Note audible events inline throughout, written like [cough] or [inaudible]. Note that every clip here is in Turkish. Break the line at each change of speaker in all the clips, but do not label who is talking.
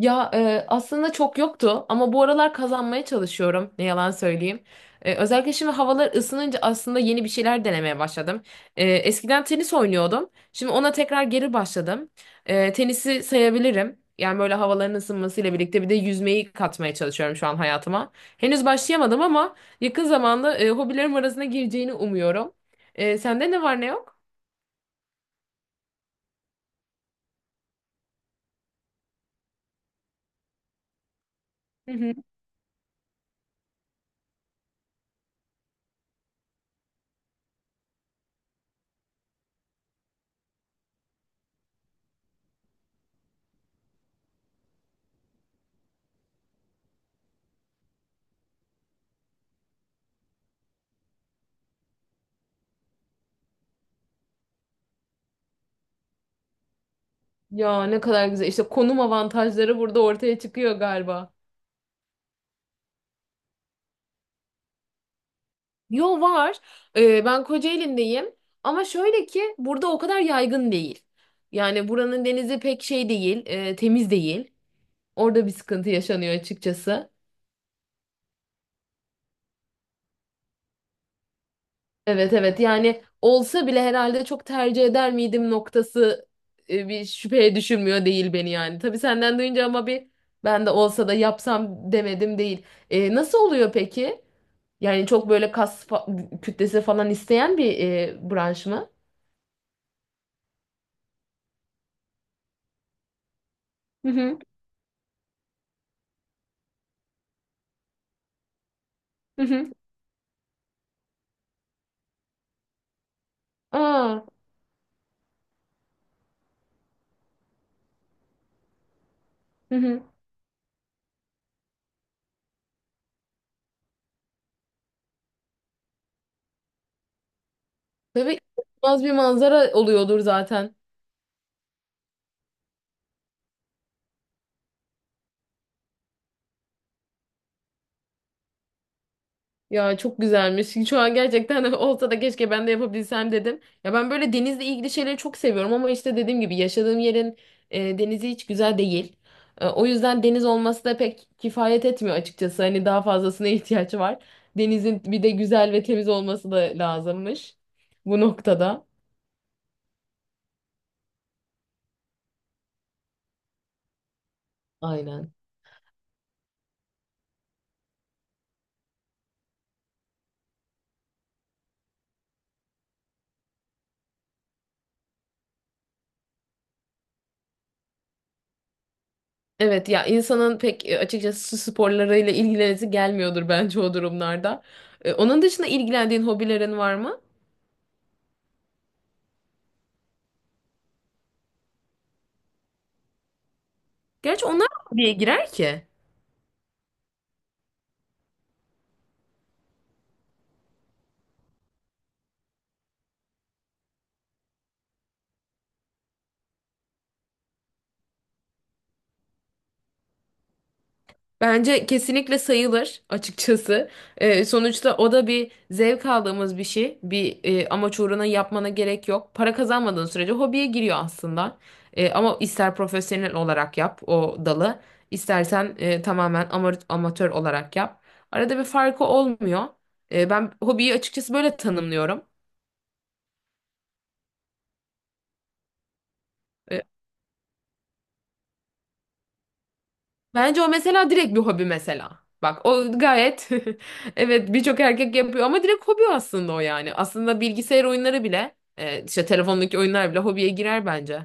Ya aslında çok yoktu ama bu aralar kazanmaya çalışıyorum ne yalan söyleyeyim. Özellikle şimdi havalar ısınınca aslında yeni bir şeyler denemeye başladım. Eskiden tenis oynuyordum. Şimdi ona tekrar geri başladım. Tenisi sayabilirim. Yani böyle havaların ısınmasıyla birlikte bir de yüzmeyi katmaya çalışıyorum şu an hayatıma. Henüz başlayamadım ama yakın zamanda hobilerim arasına gireceğini umuyorum. Sende ne var ne yok? Hı hı. Ya ne kadar güzel. İşte konum avantajları burada ortaya çıkıyor galiba. Yo var. Ben Kocaeli'ndeyim. Ama şöyle ki burada o kadar yaygın değil. Yani buranın denizi pek şey değil, temiz değil. Orada bir sıkıntı yaşanıyor açıkçası. Evet, evet, yani olsa bile herhalde çok tercih eder miydim noktası bir şüpheye düşürmüyor değil beni yani. Tabii senden duyunca ama bir ben de olsa da yapsam demedim değil. Nasıl oluyor peki? Yani çok böyle kas kütlesi falan isteyen bir branş mı? Hı hı. Hı hı. Aa. Hı hı. Tabii, inanılmaz bir manzara oluyordur zaten. Ya çok güzelmiş. Şu an gerçekten [laughs] olsa da keşke ben de yapabilsem dedim. Ya ben böyle denizle ilgili şeyleri çok seviyorum ama işte dediğim gibi yaşadığım yerin denizi hiç güzel değil. O yüzden deniz olması da pek kifayet etmiyor açıkçası. Hani daha fazlasına [laughs] ihtiyaç var. Denizin bir de güzel ve temiz olması da lazımmış bu noktada. Aynen. Evet, ya insanın pek açıkçası su sporlarıyla ilgilenesi gelmiyordur bence o durumlarda. Onun dışında ilgilendiğin hobilerin var mı? Gerçi onlar da hobiye girer ki. Bence kesinlikle sayılır açıkçası. Sonuçta o da bir zevk aldığımız bir şey. Bir amaç uğruna yapmana gerek yok. Para kazanmadığın sürece hobiye giriyor aslında. Ama ister profesyonel olarak yap o dalı, istersen tamamen amatör olarak yap. Arada bir farkı olmuyor. Ben hobiyi açıkçası böyle tanımlıyorum. E, Bence o mesela direkt bir hobi mesela. Bak o gayet [laughs] evet, birçok erkek yapıyor ama direkt hobi aslında o yani. Aslında bilgisayar oyunları bile işte telefondaki oyunlar bile hobiye girer bence.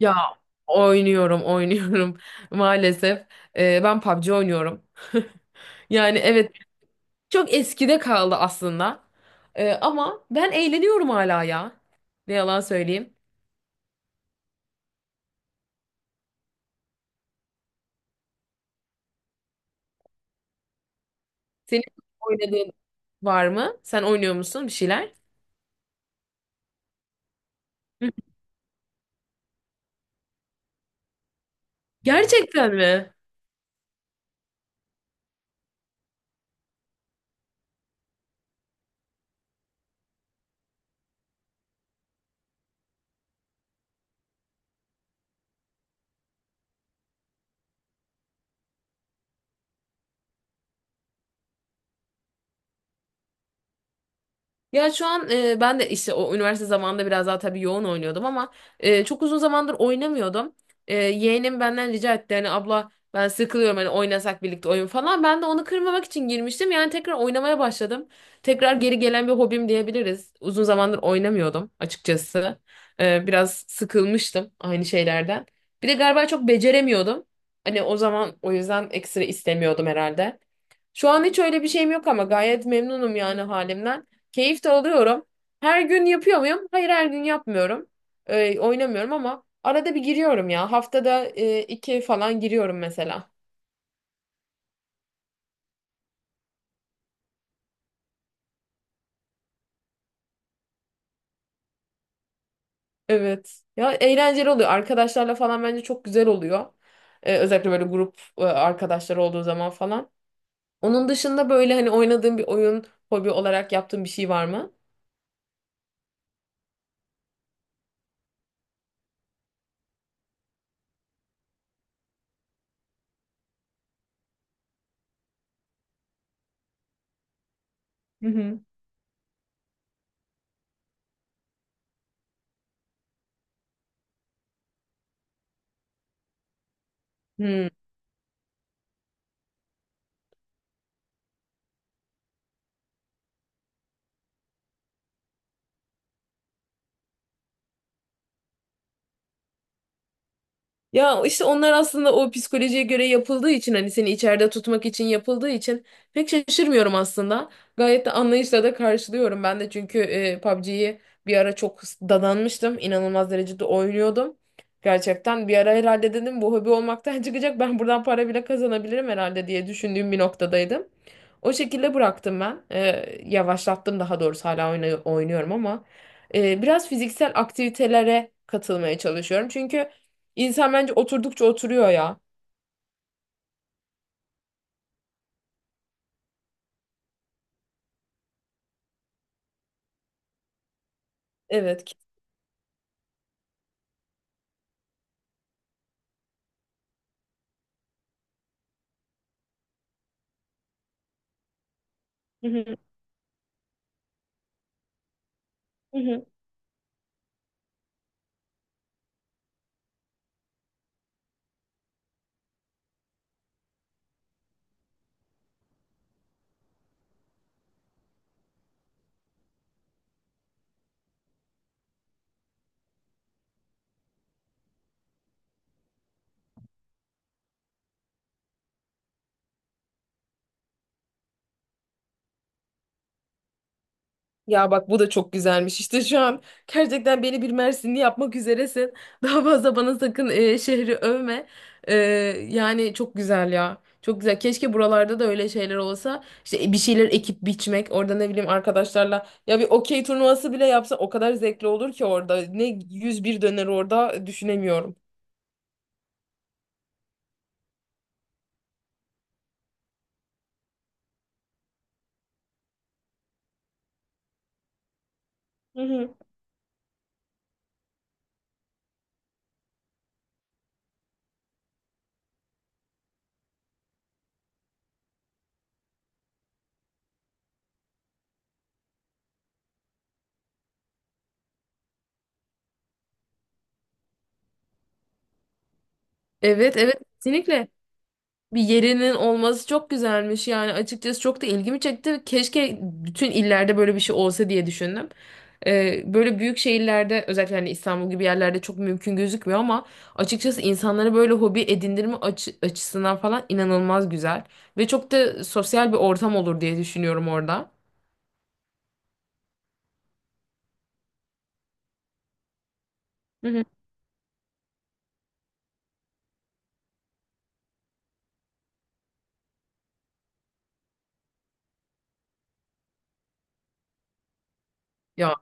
Ya oynuyorum [laughs] maalesef. Ben PUBG oynuyorum. [laughs] Yani evet, çok eskide kaldı aslında. Ama ben eğleniyorum hala ya. Ne yalan söyleyeyim. Senin oynadığın var mı? Sen oynuyor musun bir şeyler? Hı. Gerçekten mi? Ya şu an ben de işte o üniversite zamanında biraz daha tabii yoğun oynuyordum ama çok uzun zamandır oynamıyordum. Yeğenim benden rica etti hani abla ben sıkılıyorum hani oynasak birlikte oyun falan. Ben de onu kırmamak için girmiştim yani tekrar oynamaya başladım. Tekrar geri gelen bir hobim diyebiliriz. Uzun zamandır oynamıyordum açıkçası. Biraz sıkılmıştım aynı şeylerden. Bir de galiba çok beceremiyordum. Hani o zaman o yüzden ekstra istemiyordum herhalde. Şu an hiç öyle bir şeyim yok ama gayet memnunum yani halimden. Keyif de alıyorum. Her gün yapıyor muyum? Hayır, her gün yapmıyorum. Oynamıyorum ama arada bir giriyorum ya. Haftada iki falan giriyorum mesela. Evet. Ya eğlenceli oluyor. Arkadaşlarla falan bence çok güzel oluyor. Özellikle böyle grup arkadaşlar olduğu zaman falan. Onun dışında böyle hani oynadığın bir oyun, hobi olarak yaptığın bir şey var mı? Hı hı. Hmm. Ya işte onlar aslında o psikolojiye göre yapıldığı için hani seni içeride tutmak için yapıldığı için pek şaşırmıyorum aslında. Gayet de anlayışla da karşılıyorum ben de çünkü PUBG'yi bir ara çok dadanmıştım. İnanılmaz derecede oynuyordum. Gerçekten bir ara herhalde dedim bu hobi olmaktan [laughs] çıkacak ben buradan para bile kazanabilirim herhalde diye düşündüğüm bir noktadaydım. O şekilde bıraktım ben. Yavaşlattım daha doğrusu, hala oynuyorum ama biraz fiziksel aktivitelere katılmaya çalışıyorum. Çünkü İnsan bence oturdukça oturuyor ya. Evet. Hı hı, hı hı. Ya bak, bu da çok güzelmiş. İşte şu an gerçekten beni bir Mersinli yapmak üzeresin. [laughs] Daha fazla bana sakın şehri övme. E, Yani çok güzel ya. Çok güzel. Keşke buralarda da öyle şeyler olsa. İşte bir şeyler ekip biçmek. Orada ne bileyim arkadaşlarla. Ya bir okey turnuvası bile yapsa o kadar zevkli olur ki orada. Ne 101 döner orada düşünemiyorum. Hı hı. Evet, evet, kesinlikle. Bir yerinin olması çok güzelmiş yani açıkçası, çok da ilgimi çekti. Keşke bütün illerde böyle bir şey olsa diye düşündüm. Böyle büyük şehirlerde özellikle hani İstanbul gibi yerlerde çok mümkün gözükmüyor ama açıkçası insanlara böyle hobi edindirme açısından falan inanılmaz güzel ve çok da sosyal bir ortam olur diye düşünüyorum orada. Hı hı. Ya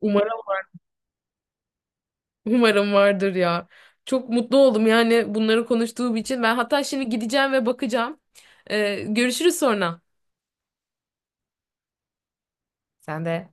umarım, umarım vardır ya. Çok mutlu oldum yani bunları konuştuğum için. Ben hatta şimdi gideceğim ve bakacağım. Görüşürüz sonra. Sen de.